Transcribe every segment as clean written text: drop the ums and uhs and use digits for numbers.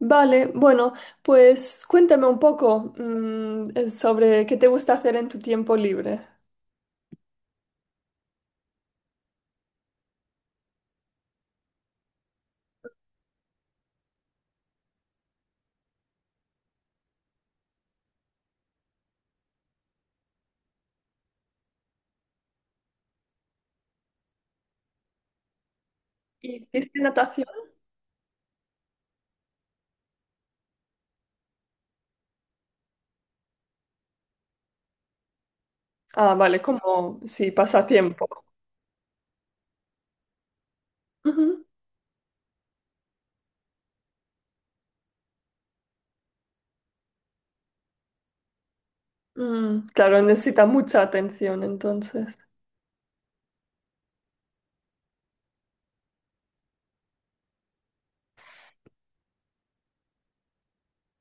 Vale, bueno, pues cuéntame un poco sobre qué te gusta hacer en tu tiempo libre. ¿Hiciste natación? Ah, vale, como sí, pasatiempo. Ujú. Mm, claro, necesita mucha atención entonces.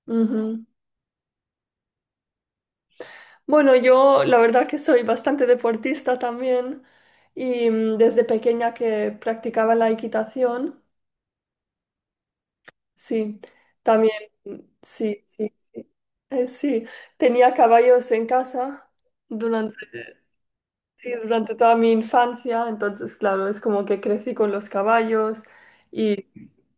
Ujú. Bueno, yo la verdad que soy bastante deportista también y desde pequeña que practicaba la equitación, sí, también, mm, sí, sí, sí. Sí, tenía caballos en casa durante sí, durante toda mi infancia, entonces, claro, es como que crecí con los caballos y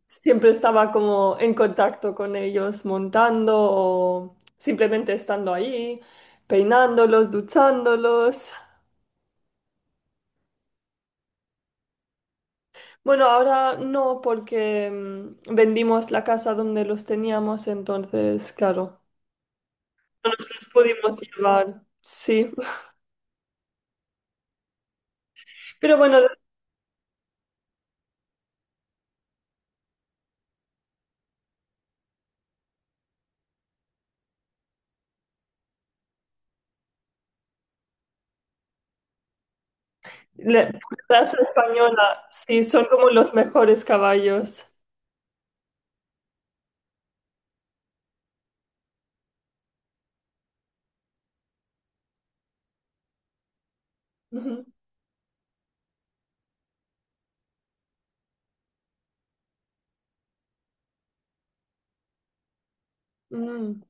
siempre estaba como en contacto con ellos montando o simplemente estando ahí, peinándolos, duchándolos. Bueno, ahora no porque vendimos la casa donde los teníamos, entonces, claro, no nos los pudimos llevar. Sí, pero bueno, la raza española, sí, son como los mejores caballos. Ujú. Mm.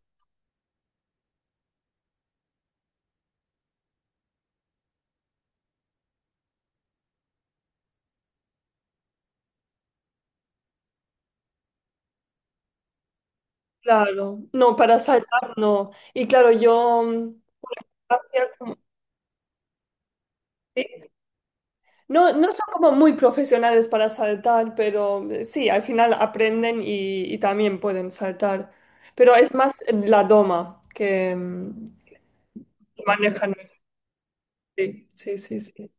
Claro, no, para saltar no. Y claro, yo hacía como- sí. No, no son como muy profesionales para saltar, pero sí, al final aprenden y también pueden saltar. Pero es más la doma que, que manejan. Sí, sí, sí, sí.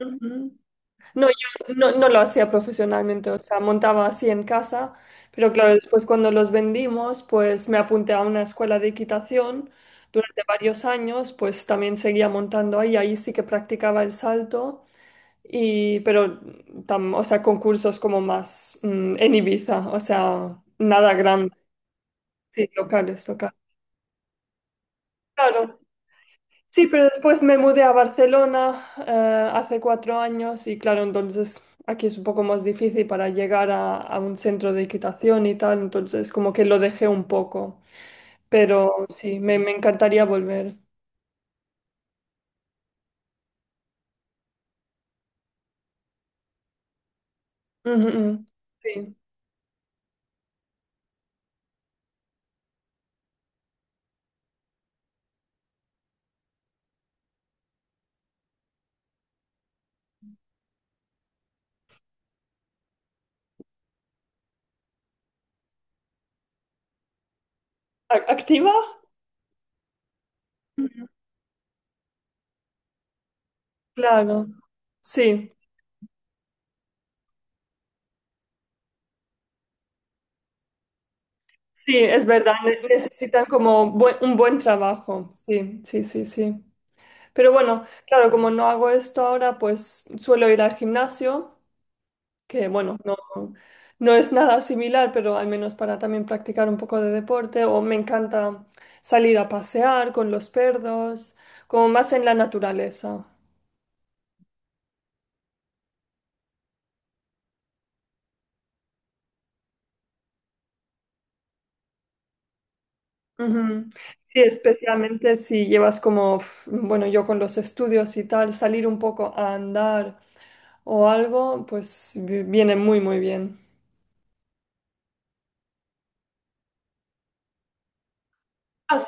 Wow. No, yo no, no lo hacía profesionalmente, o sea, montaba así en casa, pero claro, después cuando los vendimos, pues me apunté a una escuela de equitación durante varios años, pues también seguía montando ahí, ahí sí que practicaba el salto, y, pero, o sea, concursos como más en Ibiza, o sea, nada grande, sí, locales, locales. Claro. Sí, pero después me mudé a Barcelona hace cuatro años y claro, entonces aquí es un poco más difícil para llegar a un centro de equitación y tal, entonces como que lo dejé un poco, pero sí, me encantaría volver. Ujú, ujú. Sí. ¿A- ¿Activa? Claro. Sí, sí, es verdad, necesitan como un buen trabajo, sí, sí, sí, sí. Pero bueno, claro, como no hago esto ahora, pues suelo ir al gimnasio que bueno, no, no es nada similar, pero al menos para también practicar un poco de deporte, o me encanta salir a pasear con los perros, como más en la naturaleza. Ujú. Sí, especialmente si llevas como, bueno, yo con los estudios y tal, salir un poco a andar o algo, pues viene muy, muy bien. Ah, sí.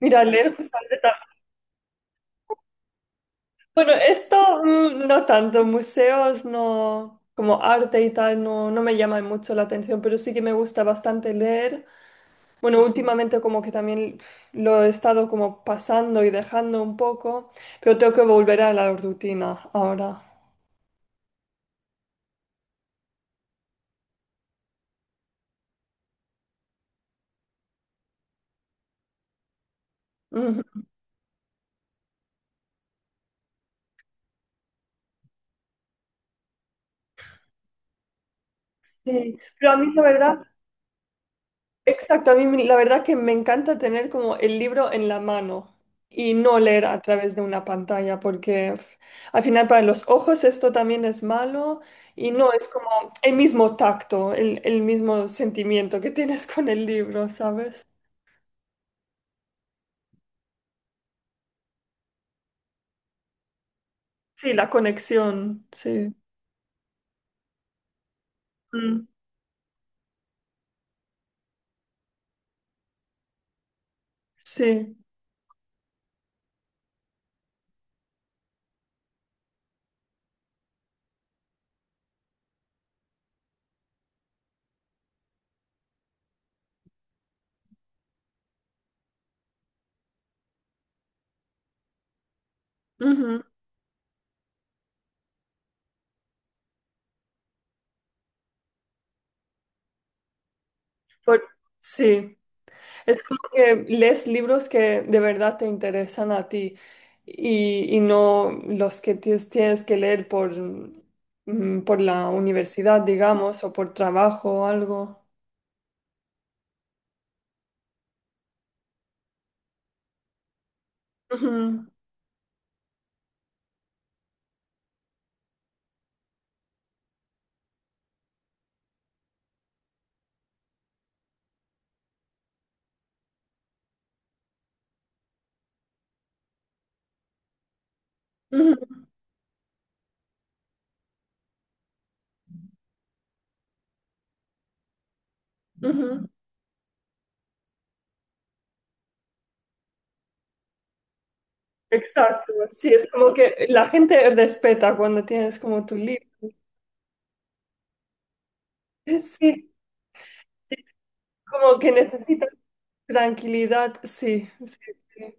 Mira, leer justamente Bueno, esto no tanto, museos no, como arte y tal, no, no me llama mucho la atención, pero sí que me gusta bastante leer. Bueno, últimamente como que también pf, lo he estado como pasando y dejando un poco, pero tengo que volver a la rutina ahora. Ujú. Sí, pero a mí la verdad Exacto, a mí la verdad que me encanta tener como el libro en la mano y no leer a través de una pantalla, porque pf, al final para los ojos esto también es malo y no es como el mismo tacto, el mismo sentimiento que tienes con el libro, ¿sabes? Sí, la conexión, sí. Mm, sí. Ujú. Por- sí. Es como que lees libros que de verdad te interesan a ti y no los que tienes, tienes que leer por, por la universidad, digamos, o por trabajo o algo. Ujú, ujú, ujú. Exacto. Sí, es como que la gente respeta cuando tienes como tu libro. Sí, sí, como que necesitas tranquilidad. Sí, sí, sí.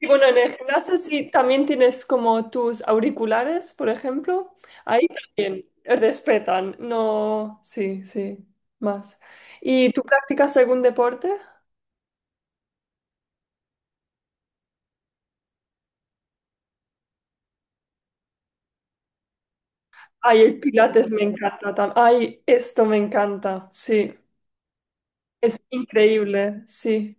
Y bueno, en el gimnasio sí también tienes como tus auriculares, por ejemplo. Ahí también respetan, no, sí, sí, más. ¿Y tú practicas algún deporte? Ay, el pilates me encanta también. Ay, esto me encanta, sí. Es increíble, sí.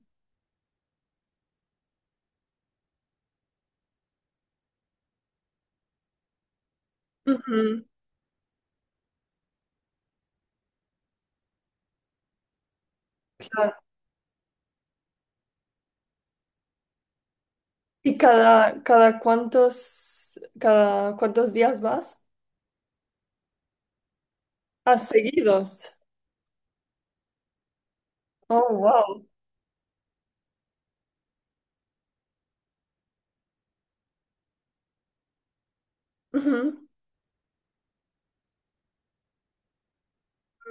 Ujú, claro. ¿Y cada, cada cuántos días vas? ¿A seguidos? Oh, wow. Ujú,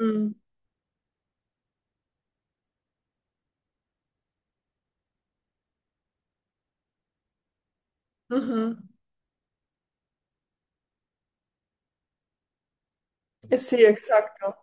mm, ujú. Sí, exacto.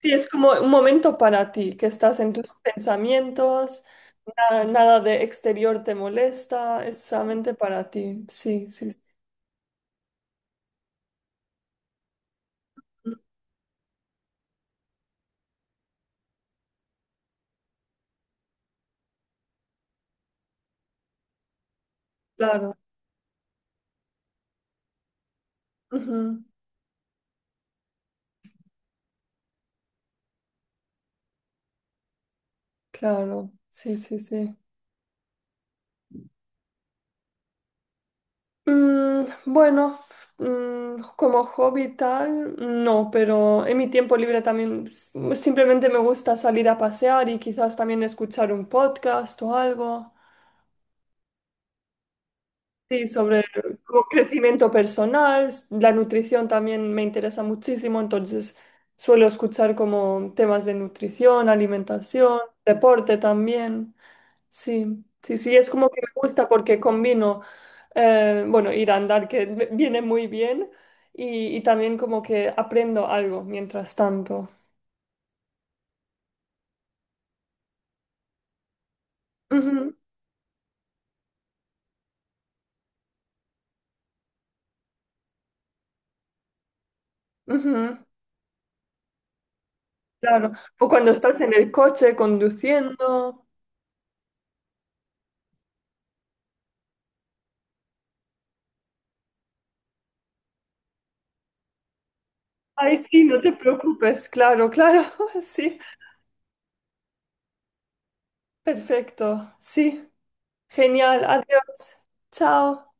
Sí, es como un momento para ti, que estás en tus pensamientos, nada, nada de exterior te molesta, es solamente para ti. Sí, sí, sí. Claro, ujú, claro, sí, sí, sí. Mm, bueno, como hobby tal, no, pero en mi tiempo libre también simplemente me gusta salir a pasear y quizás también escuchar un podcast o algo. Sí, sobre como crecimiento personal, la nutrición también me interesa muchísimo, entonces suelo escuchar como temas de nutrición, alimentación, deporte también. Sí, sí, sí, es como que me gusta porque combino, bueno, ir a andar que viene muy bien y también como que aprendo algo mientras tanto. Ujú, ujú, claro, o cuando estás en el coche conduciendo. Ay, sí, no te preocupes, claro, claro, sí. Perfecto. Sí, genial. Adiós. Chao.